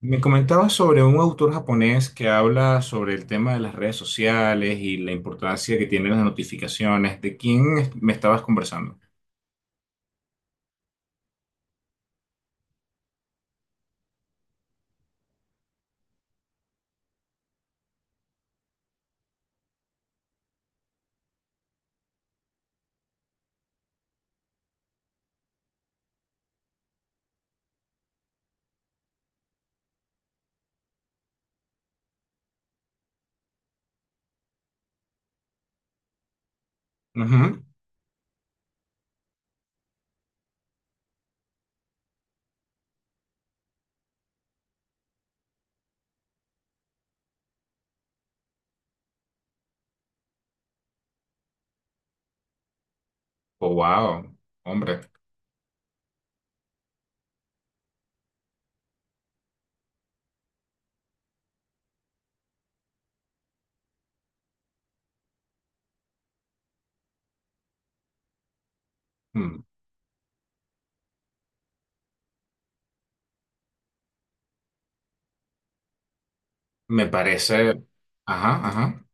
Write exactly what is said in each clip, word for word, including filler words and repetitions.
Me comentabas sobre un autor japonés que habla sobre el tema de las redes sociales y la importancia que tienen las notificaciones. ¿De quién es- me estabas conversando? Ujú. Oh, wow, hombre. Mm. Me parece, ajá, ajá.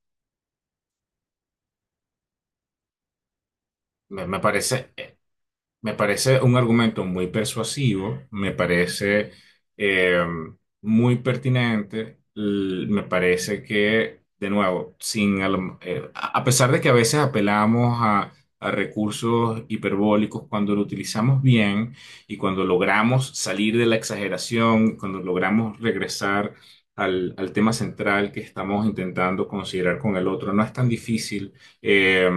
Me, me parece. Me parece un argumento muy persuasivo, me parece eh, muy pertinente, l- me parece que, de nuevo, sin, a, lo- eh, a- a pesar de que a veces apelamos a, a recursos hiperbólicos, cuando lo utilizamos bien y cuando logramos salir de la exageración, cuando logramos regresar al, al tema central que estamos intentando considerar con el otro, no es tan difícil eh,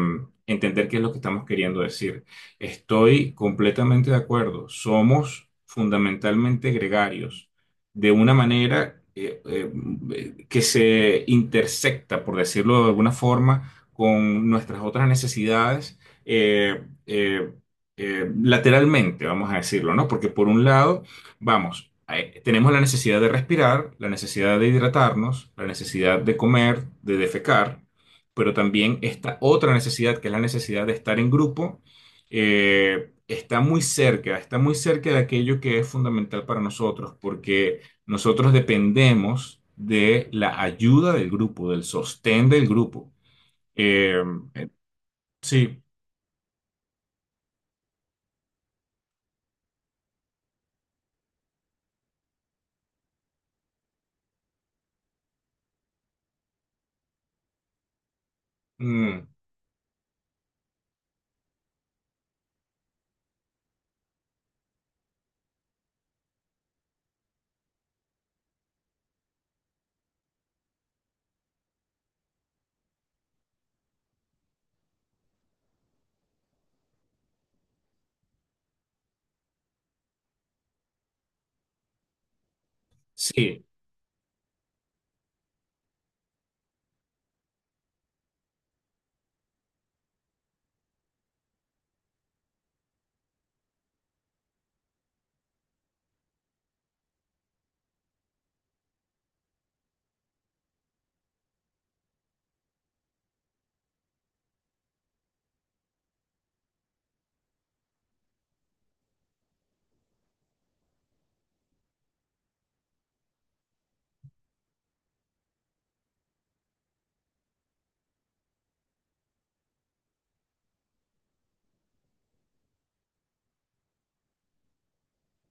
entender qué es lo que estamos queriendo decir. Estoy completamente de acuerdo. Somos fundamentalmente gregarios, de una manera eh, eh, que se intersecta, por decirlo de alguna forma, con nuestras otras necesidades eh, eh, eh, lateralmente, vamos a decirlo, ¿no? Porque por un lado, vamos, eh, tenemos la necesidad de respirar, la necesidad de hidratarnos, la necesidad de comer, de defecar, pero también esta otra necesidad, que es la necesidad de estar en grupo eh, está muy cerca, está muy cerca de aquello que es fundamental para nosotros, porque nosotros dependemos de la ayuda del grupo, del sostén del grupo. Eh, eh, sí, mm, sí,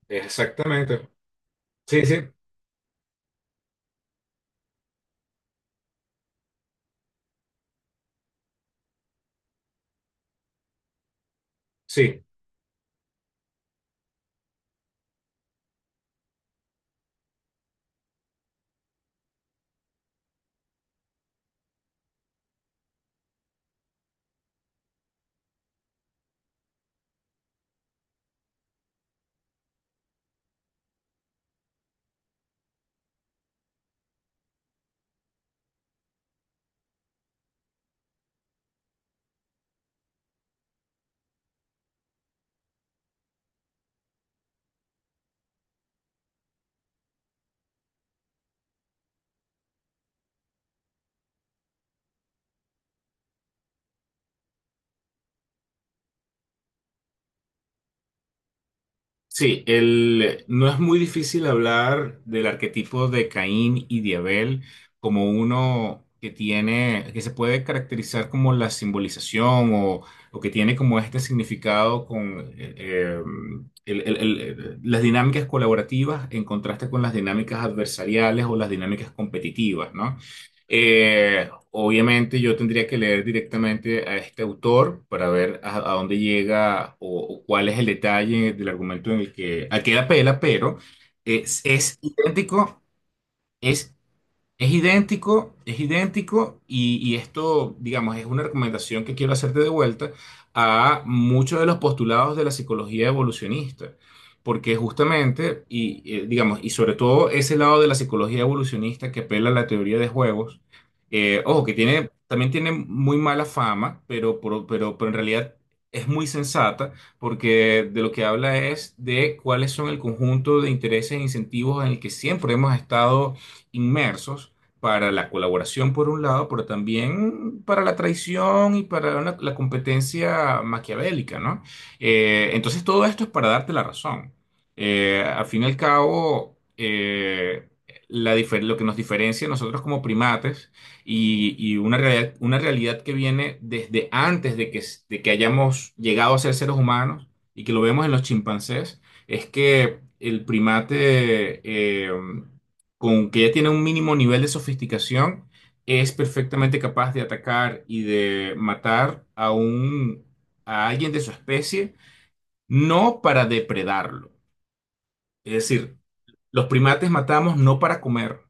exactamente. Sí, sí, sí. Sí, el, no es muy difícil hablar del arquetipo de Caín y de Abel como uno que tiene, que se puede caracterizar como la simbolización o, o que tiene como este significado con eh, eh, el- el- el- eh, las dinámicas colaborativas en contraste con las dinámicas adversariales o las dinámicas competitivas, ¿no? Eh, obviamente yo tendría que leer directamente a este autor para ver a, a dónde llega o, o cuál es el detalle del argumento en el que, al que él apela, pero es, es idéntico, es es idéntico, es idéntico y, y esto, digamos, es una recomendación que quiero hacerte de vuelta a muchos de los postulados de la psicología evolucionista, porque justamente, y eh, digamos, y sobre todo ese lado de la psicología evolucionista que apela a la teoría de juegos, eh, ojo, que tiene, también tiene muy mala fama, pero, por- pero, pero en realidad es muy sensata, porque de lo que habla es de cuáles son el conjunto de intereses e incentivos en el que siempre hemos estado inmersos para la colaboración por un lado, pero también para la traición y para una- la competencia maquiavélica, ¿no? Eh, entonces todo esto es para darte la razón. Eh, al fin y al cabo, eh, la difer- lo que nos diferencia a nosotros como primates y, y una realidad, una realidad que viene desde antes de que, s- de que hayamos llegado a ser seres humanos y que lo vemos en los chimpancés, es que el primate eh, con que ya tiene un mínimo nivel de sofisticación, es perfectamente capaz de atacar y de matar a un a alguien de su especie, no para depredarlo. Es decir, los primates matamos no para comer,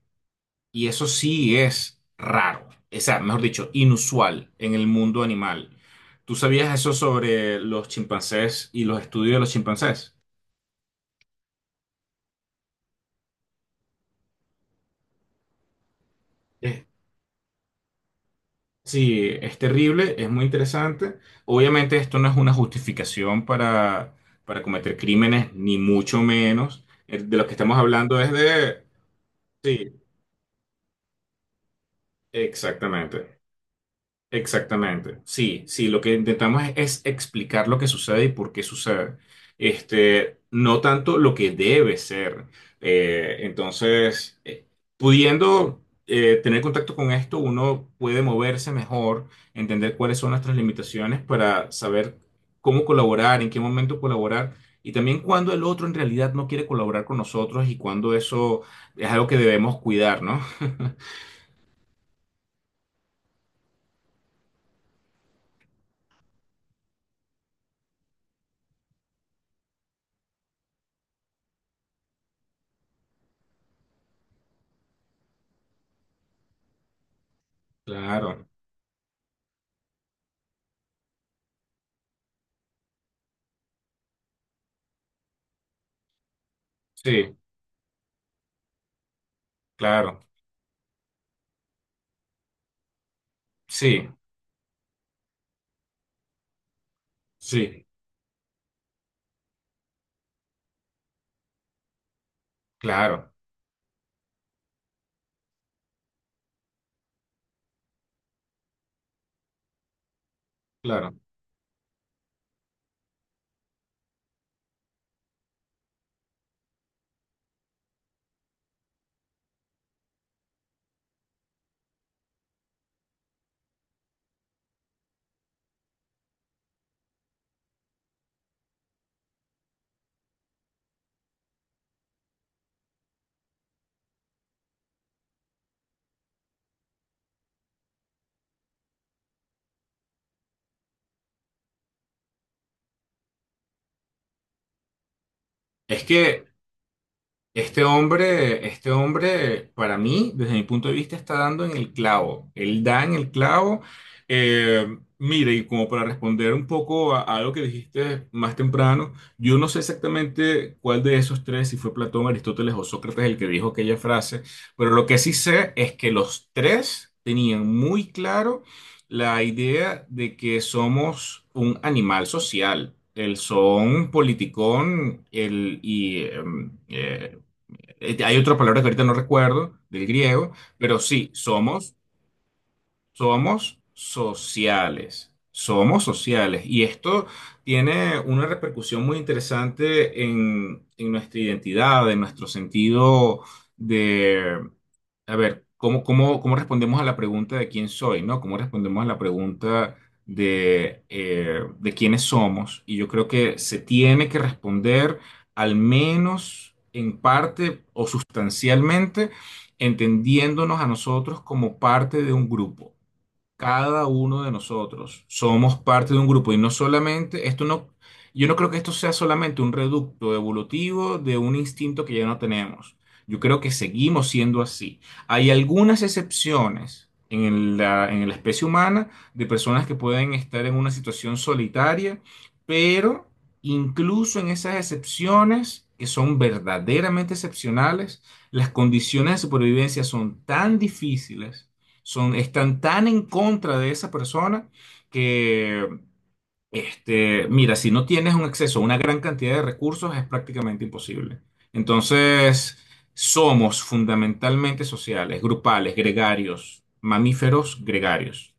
y eso sí es raro, o sea, mejor dicho, inusual en el mundo animal. ¿Tú sabías eso sobre los chimpancés y los estudios de los chimpancés? Sí, es terrible, es muy interesante. Obviamente esto no es una justificación para, para cometer crímenes, ni mucho menos. Eh, De lo que estamos hablando es de... Sí, exactamente. Exactamente, sí, sí, lo que intentamos es, es explicar lo que sucede y por qué sucede. Este, no tanto lo que debe ser. Eh, entonces, eh, pudiendo eh, tener contacto con esto, uno puede moverse mejor, entender cuáles son nuestras limitaciones para saber cómo colaborar, en qué momento colaborar y también cuándo el otro en realidad no quiere colaborar con nosotros y cuándo eso es algo que debemos cuidar, ¿no? Claro, sí, claro, sí. Sí, claro, claro. Es que este hombre, este hombre, para mí, desde mi punto de vista, está dando en el clavo. Él da en el clavo. Eh, mire, y como para responder un poco a, a algo que dijiste más temprano, yo no sé exactamente cuál de esos tres, si fue Platón, Aristóteles o Sócrates el que dijo aquella frase, pero lo que sí sé es que los tres tenían muy claro la idea de que somos un animal social. El son politicón el, y em, eh, eh, hay otra palabra que ahorita no recuerdo, del griego, pero sí, somos somos sociales, somos sociales. Y esto tiene una repercusión muy interesante en, en nuestra identidad, en nuestro sentido de, a ver, ¿cómo, cómo, cómo respondemos a la pregunta de quién soy, ¿no? ¿Cómo respondemos a la pregunta de, eh, de quiénes somos? Y yo creo que se tiene que responder al menos en parte o sustancialmente entendiéndonos a nosotros como parte de un grupo. Cada uno de nosotros somos parte de un grupo y no solamente, esto no, yo no creo que esto sea solamente un reducto evolutivo de un instinto que ya no tenemos. Yo creo que seguimos siendo así. Hay algunas excepciones en la, en la especie humana de personas que pueden estar en una situación solitaria, pero incluso en esas excepciones, que son verdaderamente excepcionales, las condiciones de supervivencia son tan difíciles son, están tan en contra de esa persona que, este, mira, si no tienes un acceso a una gran cantidad de recursos es prácticamente imposible. Entonces, somos fundamentalmente sociales, grupales, gregarios, mamíferos gregarios.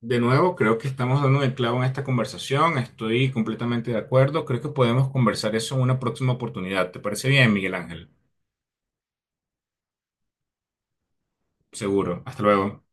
De nuevo, creo que estamos dando el clavo en esta conversación. Estoy completamente de acuerdo. Creo que podemos conversar eso en una próxima oportunidad. ¿Te parece bien, Miguel Ángel? Seguro. Hasta luego.